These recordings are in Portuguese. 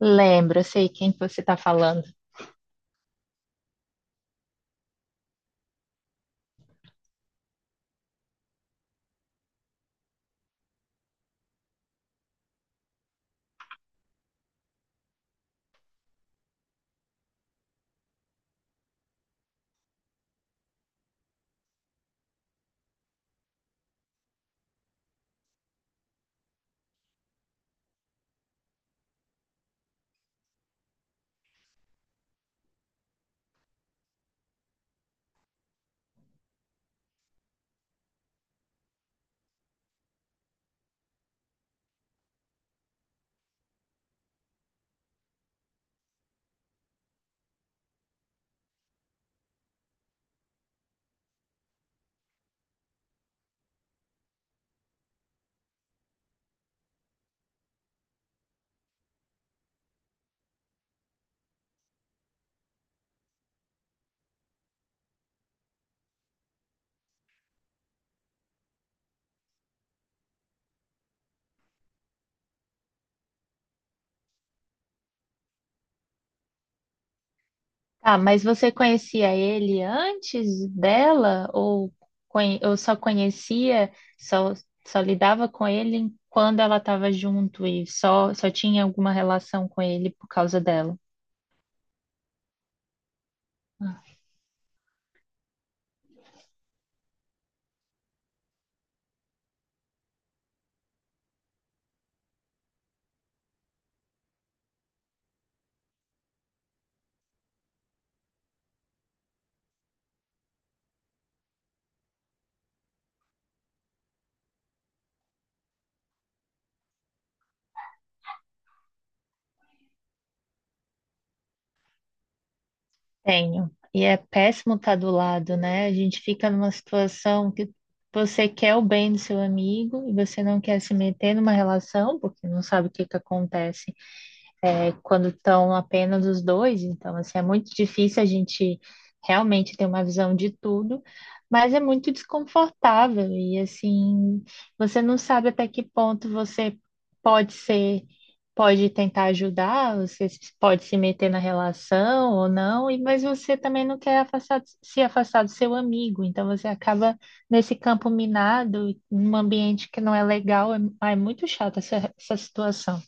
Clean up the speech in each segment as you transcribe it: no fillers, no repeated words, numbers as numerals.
Lembro, eu sei quem que você está falando. Ah, mas você conhecia ele antes dela ou, conhe- ou só conhecia, só, só lidava com ele quando ela estava junto e só tinha alguma relação com ele por causa dela? Tenho. E é péssimo estar do lado, né? A gente fica numa situação que você quer o bem do seu amigo e você não quer se meter numa relação porque não sabe o que que acontece. Quando estão apenas os dois, então assim, é muito difícil a gente realmente ter uma visão de tudo, mas é muito desconfortável e assim, você não sabe até que ponto você pode ser, pode tentar ajudar, você pode se meter na relação ou não, e mas você também não quer se afastar do seu amigo, então você acaba nesse campo minado, num ambiente que não é legal, é muito chata essa situação.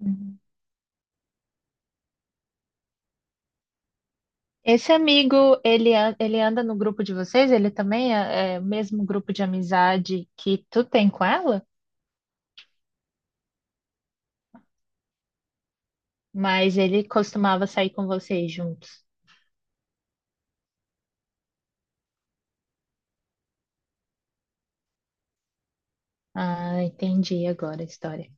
Uhum. Esse amigo, ele, ele anda no grupo de vocês? Ele também é, é o mesmo grupo de amizade que tu tem com ela? Mas ele costumava sair com vocês juntos. Ah, entendi agora a história.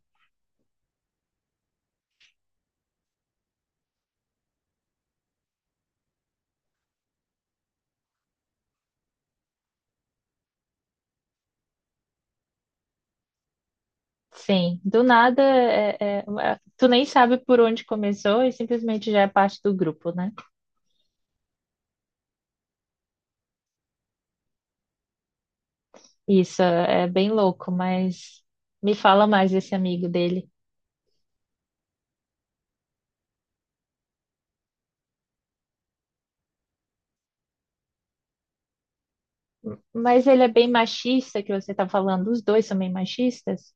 Sim, do nada, tu nem sabe por onde começou e simplesmente já é parte do grupo, né? Isso é bem louco, mas me fala mais desse amigo dele. Mas ele é bem machista, que você tá falando. Os dois são bem machistas?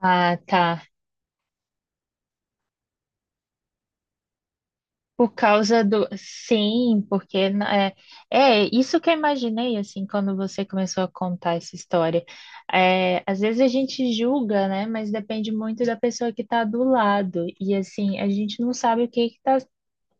Ah, tá. Por causa do. Sim, é, é isso que eu imaginei, assim, quando você começou a contar essa história. É, às vezes a gente julga, né? Mas depende muito da pessoa que está do lado. E, assim, a gente não sabe o que está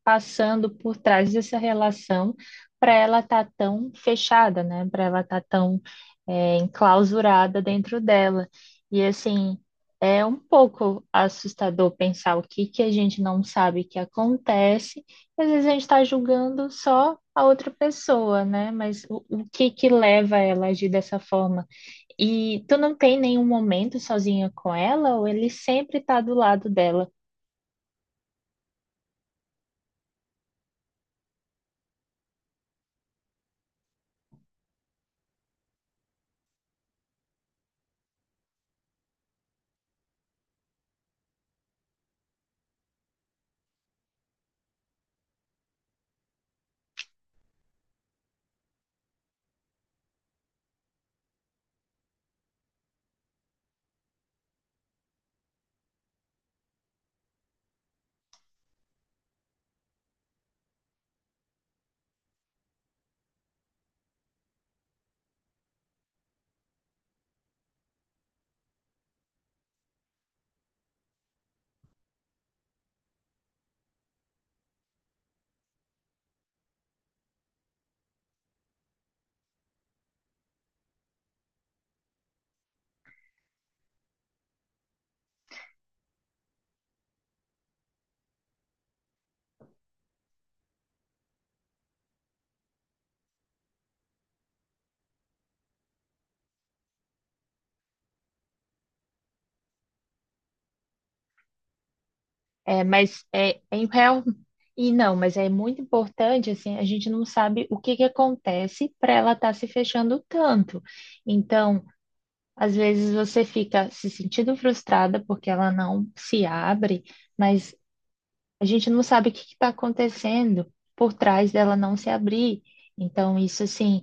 passando por trás dessa relação para ela estar tão fechada, né? Para ela estar tão é, enclausurada dentro dela. E assim, é um pouco assustador pensar o que que a gente não sabe que acontece, e às vezes a gente está julgando só a outra pessoa, né? Mas o que que leva ela a agir dessa forma? E tu não tem nenhum momento sozinha com ela, ou ele sempre está do lado dela? É, mas é, é em real e não, mas é muito importante assim, a gente não sabe o que que acontece para ela estar se fechando tanto. Então, às vezes você fica se sentindo frustrada porque ela não se abre, mas a gente não sabe o que está acontecendo por trás dela não se abrir. Então, isso, assim,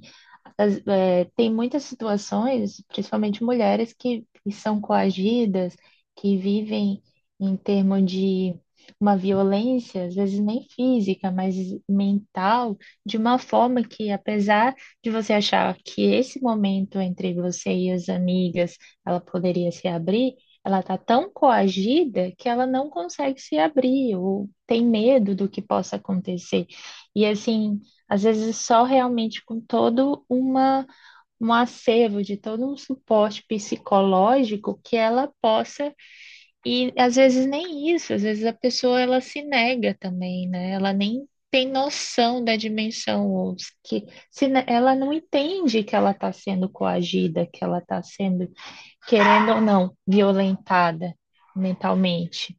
é, tem muitas situações, principalmente mulheres, que são coagidas, que vivem em termos de uma violência, às vezes nem física, mas mental, de uma forma que, apesar de você achar que esse momento entre você e as amigas ela poderia se abrir, ela está tão coagida que ela não consegue se abrir, ou tem medo do que possa acontecer. E assim, às vezes só realmente com todo uma, um acervo de todo um suporte psicológico que ela possa, e às vezes nem isso, às vezes a pessoa ela se nega também, né? Ela nem tem noção da dimensão, ou que se ne- ela não entende que ela está sendo coagida, que ela está sendo, querendo ou não, violentada mentalmente.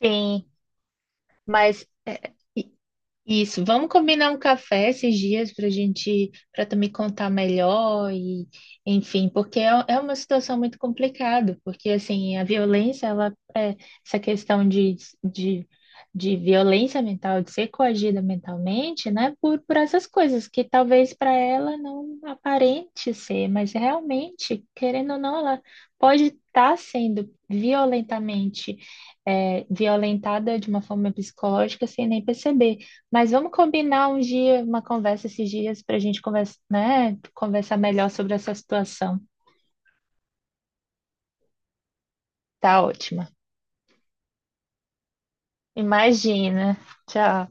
Sim, mas isso, vamos combinar um café esses dias para gente, para tu me contar melhor e, enfim, porque é, é uma situação muito complicada, porque assim, a violência, ela, essa questão de, de violência mental, de ser coagida mentalmente, né, por essas coisas que talvez para ela não aparente ser, mas realmente, querendo ou não, ela pode estar sendo violentamente, violentada de uma forma psicológica sem nem perceber. Mas vamos combinar um dia, uma conversa esses dias para a gente conversar melhor sobre essa situação. Tá ótima. Imagina. Tchau.